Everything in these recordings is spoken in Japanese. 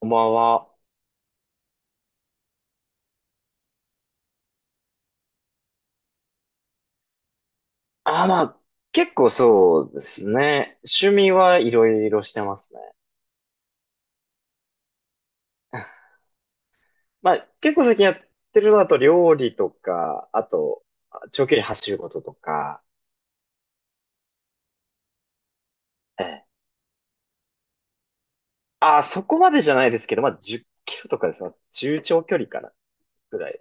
こんばんは。あ、まあ、結構そうですね。趣味はいろいろしてますね。まあ、結構最近やってるのだと料理とか、あと、長距離走ることとか、ええ。あ、そこまでじゃないですけど、まあ、10キロとかです。まあ、中長距離かな、ぐらい。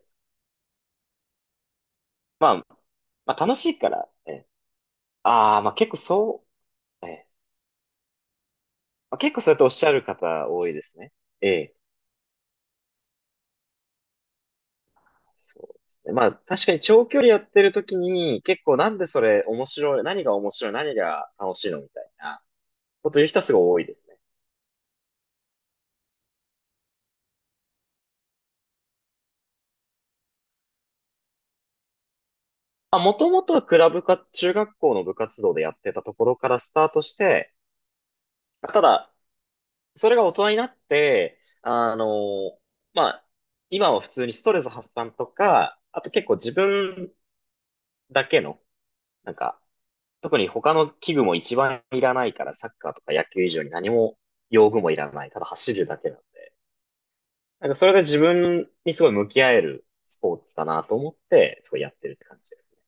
まあ、まあ、楽しいから、ええ。ああ、まあ結構そう、ええ。まあ、結構そうやっておっしゃる方多いですね。ええ。そうですね。まあ、確かに長距離やってる時に、結構なんでそれ面白い、何が面白い、何が楽しいのみたいなこと言う人はすごい多いですね。まあ、もともとはクラブか、中学校の部活動でやってたところからスタートして、ただ、それが大人になって、あの、まあ、今は普通にストレス発散とか、あと結構自分だけの、なんか、特に他の器具も一番いらないから、サッカーとか野球以上に何も用具もいらない、ただ走るだけなんで。なんかそれで自分にすごい向き合えるスポーツだなと思って、すごいやってるって感じです。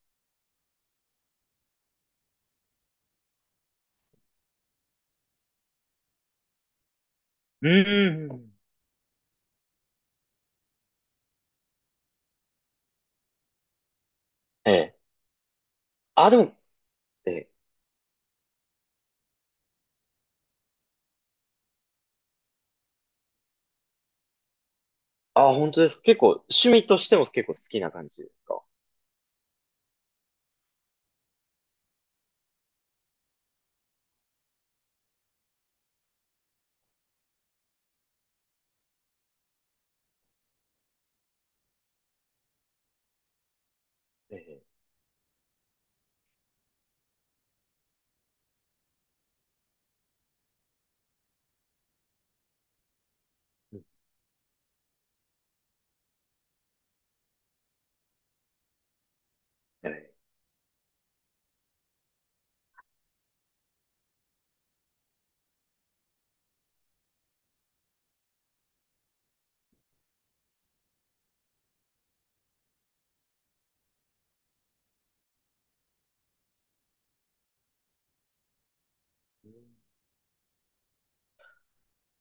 うん。ええ。あ、でも、ええ。あ、本当です。結構、趣味としても結構好きな感じですか？ええ。うんええ。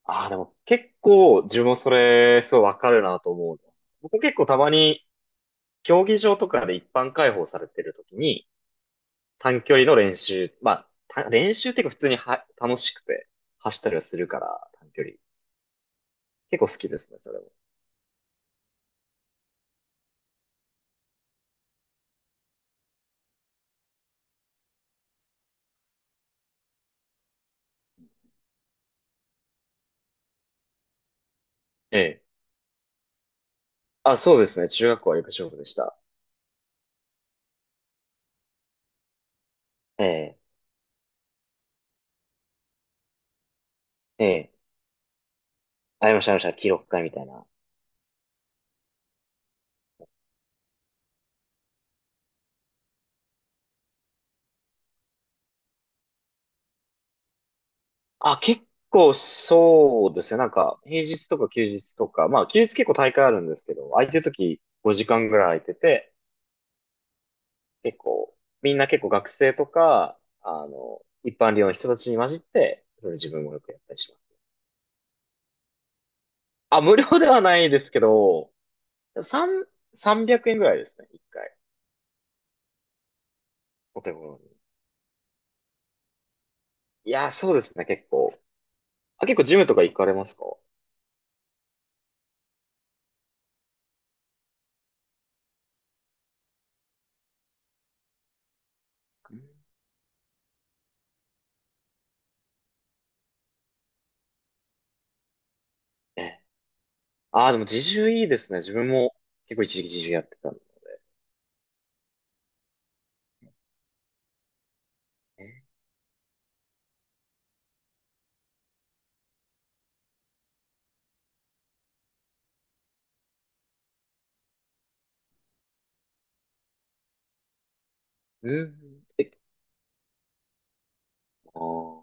ああ、でも結構、自分もそれ、すごいわかるなと思うの。僕結構たまに、競技場とかで一般開放されてる時に、短距離の練習、まあ、練習っていうか普通には楽しくて、走ったりはするから、短距離。結構好きですね、それも。ええ。あ、そうですね。中学校はよく勝負でした。ええ、ええ。ありました、ありました。記録会みたいな。あ、結構そうですね。なんか、平日とか休日とか、まあ、休日結構大会あるんですけど、空いてる時5時間ぐらい空いてて、結構、みんな結構学生とか、あの、一般寮の人たちに混じって、それで自分もよくやったりします。あ、無料ではないですけど、でも300円ぐらいですね。一回。お手頃に。いや、そうですね。結構。あ、結構ジムとか行かれますか？うん。ああ、でも自重いいですね。自分も結構一時期自重やってたんで。ね。うん。え、あ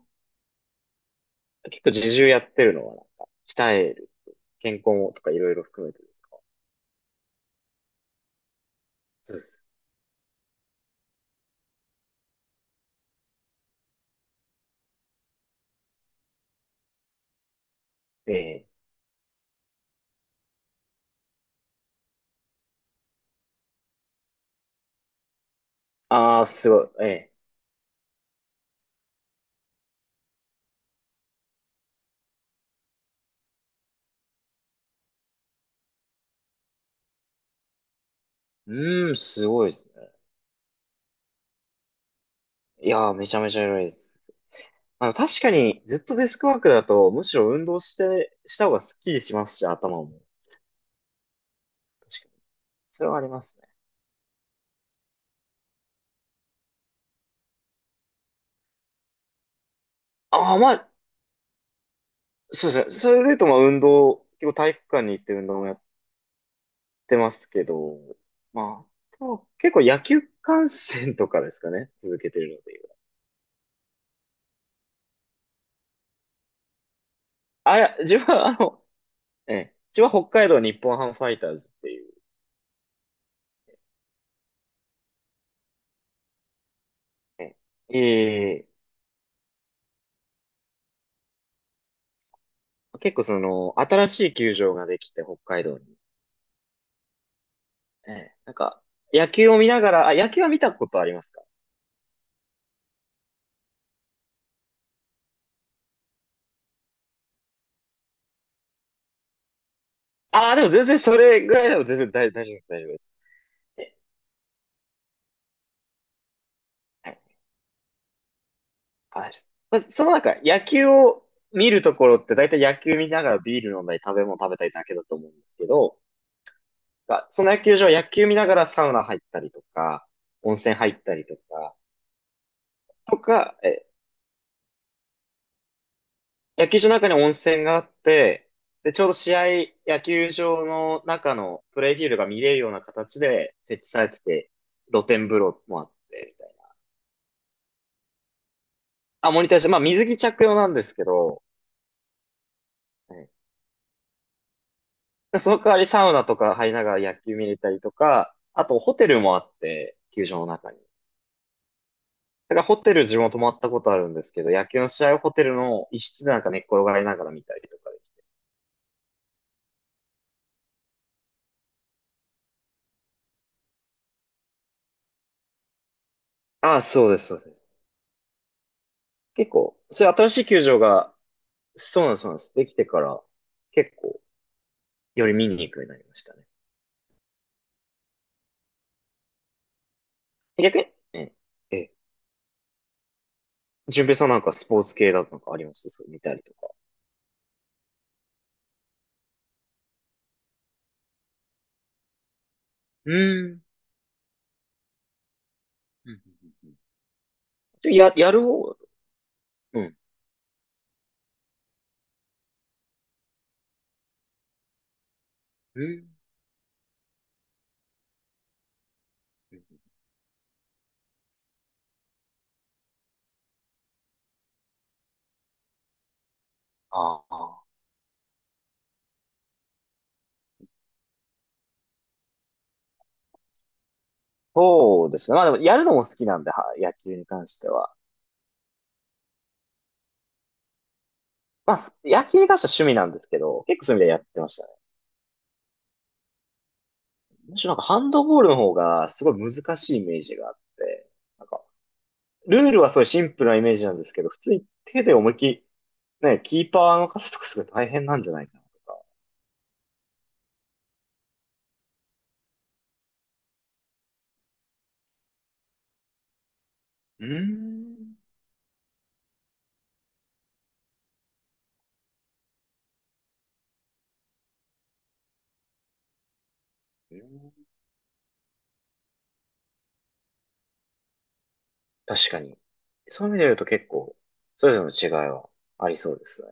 あ。結構自重やってるのはなんか、鍛える、健康とかいろいろ含めてですか？そうです。ええ。ああ、すごい。ええ。うーん、すごいですね。いやー、めちゃめちゃ偉いです。あの、確かにずっとデスクワークだと、むしろ運動して、した方がスッキリしますし、頭も。確かに。それはありますね。ああ、まあ、そうですね。それで言うと、まあ、運動、結構体育館に行って運動もやっってますけど、まあ、でも結構野球観戦とかですかね、続けてるので言えば。あ、いや、自分はあの、ええ、自分は北海道日本ハムファイターズっていう、ええ、ええ。結構その、新しい球場ができて北海道に。ええ、なんか、野球を見ながら、あ、野球は見たことありますか？ああ、でも全然それぐらいでも全然大丈夫です、大丈夫です。え。はい。あ、大丈夫です。まあ、その中、野球を見るところって大体野球見ながらビール飲んだり食べ物食べたりだけだと思うんですけど、が、その野球場は野球見ながらサウナ入ったりとか、温泉入ったりとか、とか、え、野球場の中に温泉があって、で、ちょうど試合、野球場の中のプレイフィールドが見れるような形で設置されてて、露天風呂もあって、みたいな。あ、モニターして、まあ水着着用なんですけど、ね。でその代わりサウナとか入りながら野球見れたりとか、あとホテルもあって、球場の中に。だからホテル自分も泊まったことあるんですけど、野球の試合をホテルの一室でなんか寝っ転がりながら見たりとかで。ああ、そうです、そうです。結構、そういう新しい球場が、そうなんです、そうなんです。できてから、結構、より見に行くようになりましたね。逆に、ええ、え、順平さんなんかスポーツ系だとなんかありますそう、見たりとか。うーん。うんうんうん。やる方、うん。うんうんうん。ああ、そうですね。まあでも、やるのも好きなんで、は、野球に関しては。まあ、野球に関しては趣味なんですけど、結構そういう意味でやってましたね。むしろなんかハンドボールの方がすごい難しいイメージがあって、ルールはすごいシンプルなイメージなんですけど、普通に手で思いっきり、ね、キーパーの方とかすごい大変なんじゃないかなとか。うーん。うん。確かに。そういう意味で言うと結構、それぞれの違いはありそうですね。